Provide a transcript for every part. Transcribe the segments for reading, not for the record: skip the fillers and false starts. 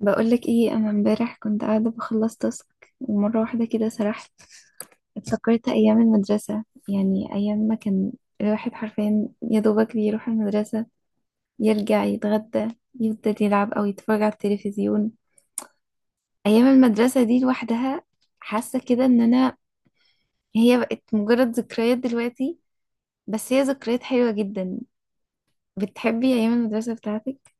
بقولك ايه؟ انا امبارح كنت قاعده بخلص تاسك، ومره واحده كده سرحت. افتكرت ايام المدرسه، يعني ايام ما كان الواحد حرفيا يا دوبك بيروح المدرسه، يرجع يتغدى، يفضل يلعب او يتفرج على التلفزيون. ايام المدرسه دي لوحدها حاسه كده ان انا، هي بقت مجرد ذكريات دلوقتي، بس هي ذكريات حلوه جدا. بتحبي ايام المدرسه بتاعتك؟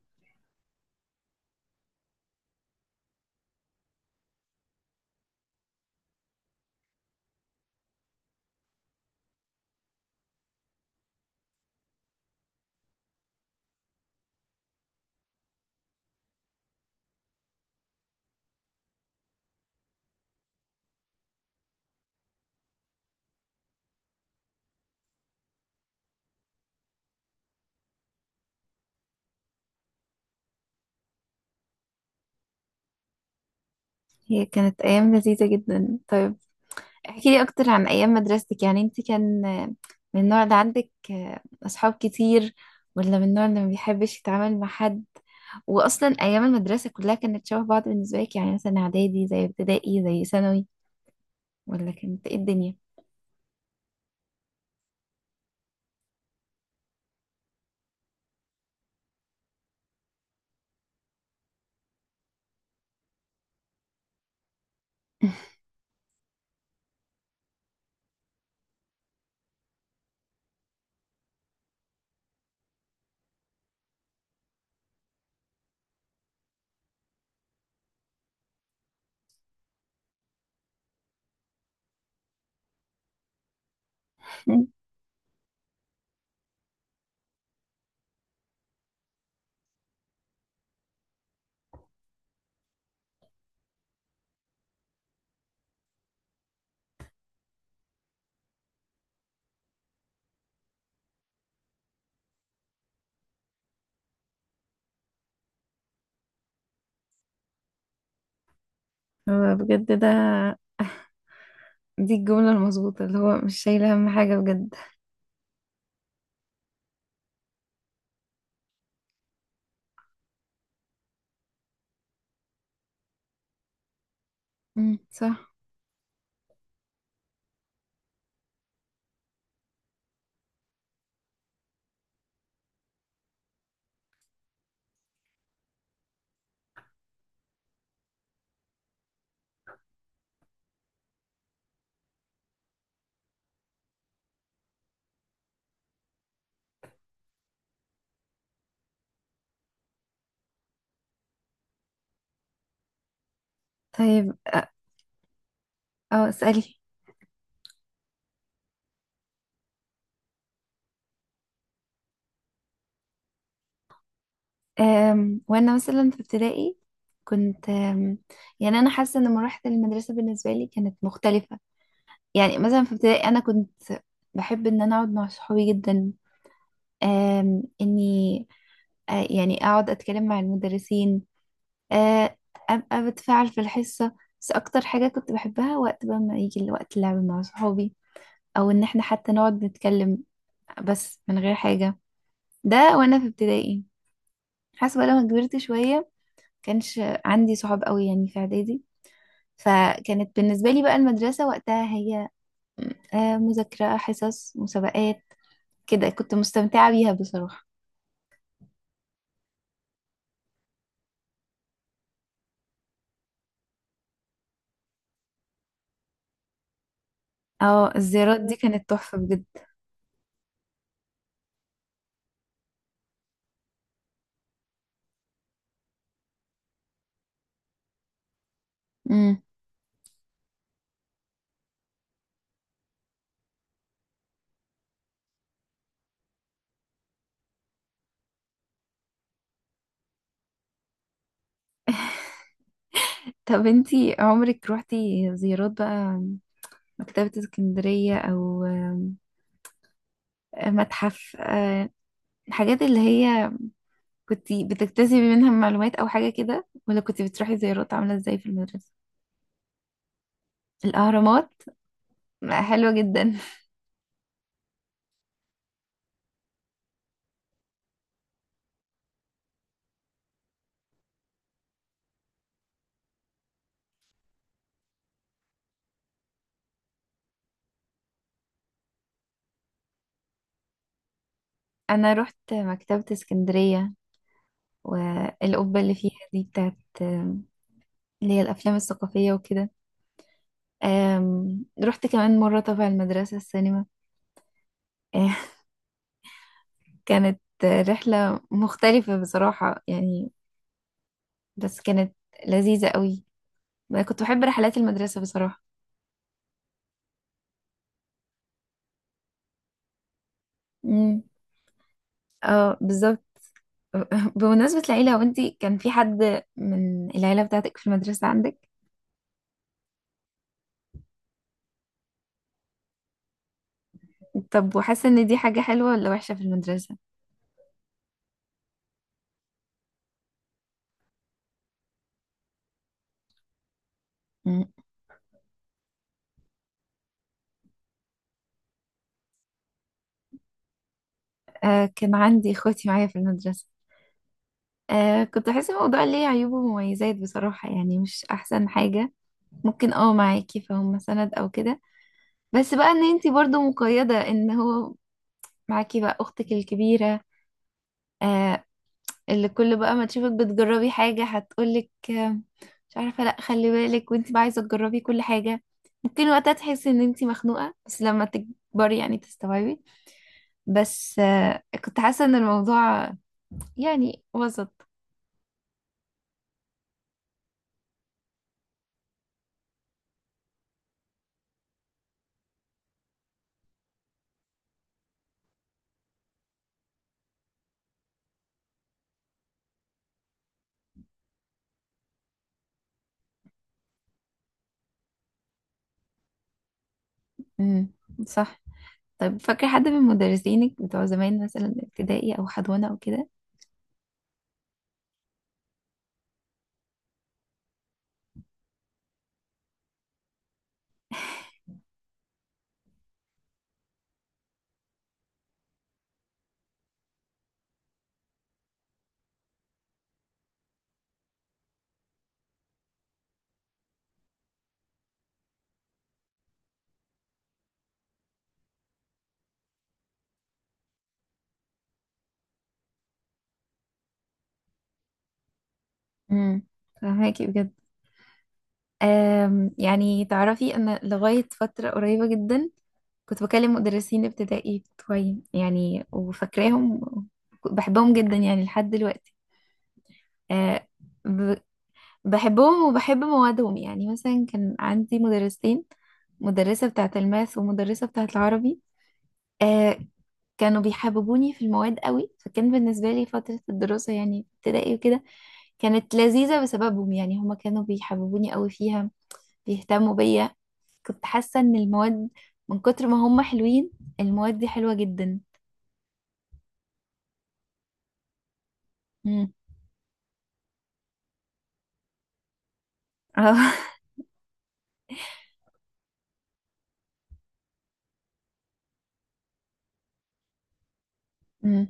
هي كانت ايام لذيذه جدا. طيب احكي لي اكتر عن ايام مدرستك، يعني انت كان من النوع اللي عندك اصحاب كتير، ولا من النوع اللي ما بيحبش يتعامل مع حد؟ واصلا ايام المدرسه كلها كانت شبه بعض بالنسبه لك؟ يعني مثلا اعدادي زي ابتدائي زي ثانوي، ولا كانت ايه الدنيا؟ هو بجد ده دي الجملة المظبوطة، اللي هو مش شايلة أهم حاجة بجد. صح. طيب اه اسألي. وانا مثلا في ابتدائي كنت يعني انا حاسه ان مراحل المدرسه بالنسبه لي كانت مختلفه. يعني مثلا في ابتدائي انا كنت بحب ان انا اقعد مع صحابي جدا، اني يعني اقعد اتكلم مع المدرسين، آه، ابقى بتفاعل في الحصه. بس اكتر حاجه كنت بحبها وقت بقى ما يجي وقت اللعب مع صحابي، او ان احنا حتى نقعد نتكلم بس من غير حاجه. ده وانا في ابتدائي. حاسه بقى لما كبرت شويه كانش عندي صحاب قوي يعني في اعدادي، فكانت بالنسبة لي بقى المدرسة وقتها هي مذاكرة حصص مسابقات. كده كنت مستمتعة بيها بصراحة. اه الزيارات دي كانت تحفة بجد. مم. طب انتي عمرك روحتي زيارات بقى مكتبة اسكندرية او متحف الحاجات اللي هي كنتي بتكتسبي منها معلومات او حاجة كده، ولا كنتي بتروحي زيارات عاملة ازاي في المدرسة؟ الأهرامات، حلوة جدا. انا رحت مكتبة اسكندرية، والقبة اللي فيها دي بتاعت اللي هي الافلام الثقافية وكده. رحت كمان مرة تبع المدرسة السينما. كانت رحلة مختلفة بصراحة يعني، بس كانت لذيذة قوي. أنا كنت بحب رحلات المدرسة بصراحة. امم. اه بالظبط. بمناسبة العيلة، هو انتي كان في حد من العيلة بتاعتك في المدرسة عندك؟ طب وحاسة ان دي حاجة حلوة ولا وحشة في المدرسة؟ مم. آه كان عندي اخواتي معايا في المدرسة. آه كنت حاسة الموضوع ليه عيوب ومميزات بصراحة، يعني مش أحسن حاجة. ممكن اه معاكي فهم سند أو كده، بس بقى إن انتي برضو مقيدة إن هو معاكي بقى أختك الكبيرة، آه، اللي كل بقى ما تشوفك بتجربي حاجة هتقولك آه مش عارفة لأ خلي بالك، وانتي بقى عايزة تجربي كل حاجة. ممكن وقتها تحسي إن انتي مخنوقة، بس لما تكبري يعني تستوعبي. بس آه كنت حاسة إن الموضوع يعني وسط. مم، صح. طب فاكرة حد من مدرسينك بتوع زمان، مثلا ابتدائي أو حضانة أو كده؟ امم. فهماكي بجد. يعني تعرفي أنا لغاية فترة قريبة جدا كنت بكلم مدرسين ابتدائي بتوعي يعني، وفاكراهم بحبهم جدا يعني لحد دلوقتي. أه. ب- بحبهم وبحب موادهم. يعني مثلا كان عندي مدرسين، مدرسة بتاعة الماث ومدرسة بتاعة العربي، آه، كانوا بيحببوني في المواد قوي. فكان بالنسبة لي فترة الدراسة يعني ابتدائي وكده كانت لذيذة بسببهم، يعني هما كانوا بيحببوني قوي فيها، بيهتموا بيا. كنت حاسة ان المواد من كتر ما هما حلوين، المواد دي حلوة جدا. مم. اه. مم.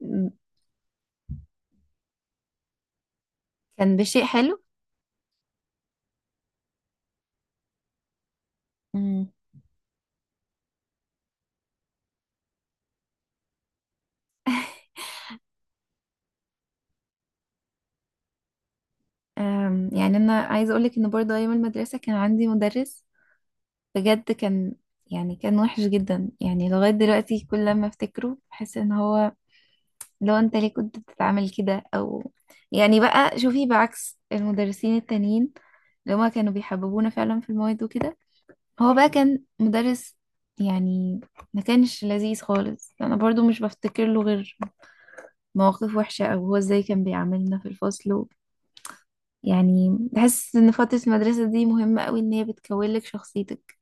مم. كان بشيء حلو. مم. يعني انا عايزة اقولك ان برضه ايام المدرسة كان عندي مدرس، بجد كان، يعني كان وحش جدا. يعني لغاية دلوقتي كل لما افتكره بحس ان هو لو انت ليه كنت بتتعامل كده او، يعني بقى شوفي بعكس المدرسين التانيين اللي هما كانوا بيحببونا فعلا في المواد وكده، هو بقى كان مدرس يعني ما كانش لذيذ خالص. انا برضو مش بفتكر له غير مواقف وحشة، او هو ازاي كان بيعاملنا في الفصل و... يعني بحس ان فترة المدرسة دي مهمة قوي، ان هي بتكون لك شخصيتك،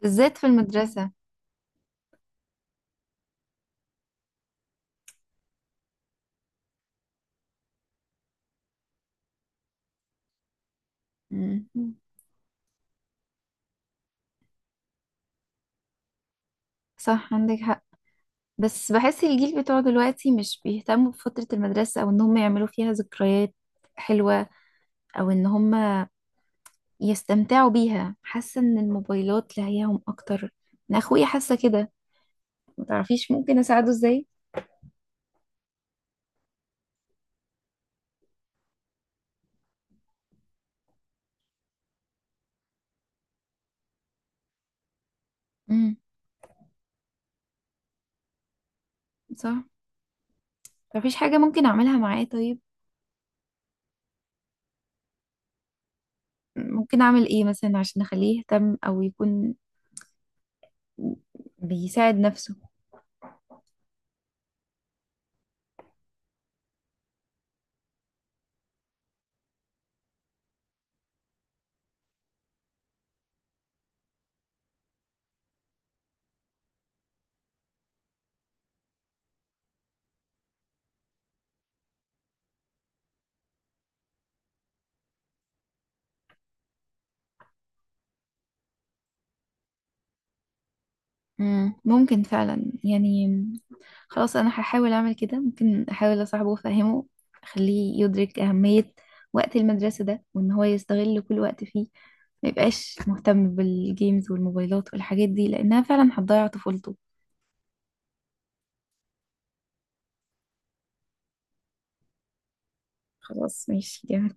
بالذات في المدرسة. مم. صح عندك حق. بس بحس الجيل بتوع دلوقتي مش بيهتموا بفترة المدرسة، أو إن هم يعملوا فيها ذكريات حلوة، أو إن هم يستمتعوا بيها. حاسة إن الموبايلات لاهياهم أكتر. أنا أخويا حاسة كده. متعرفيش ممكن أساعده إزاي؟ امم. صح. متعرفيش حاجة ممكن أعملها معاه طيب؟ ممكن أعمل إيه مثلا عشان أخليه يهتم، أو يكون بيساعد نفسه؟ ممكن فعلا يعني. خلاص انا هحاول اعمل كده، ممكن احاول اصاحبه وافهمه، اخليه يدرك اهمية وقت المدرسة ده، وان هو يستغل كل وقت فيه، ما يبقاش مهتم بالجيمز والموبايلات والحاجات دي، لانها فعلا هتضيع طفولته. خلاص ماشي جامد.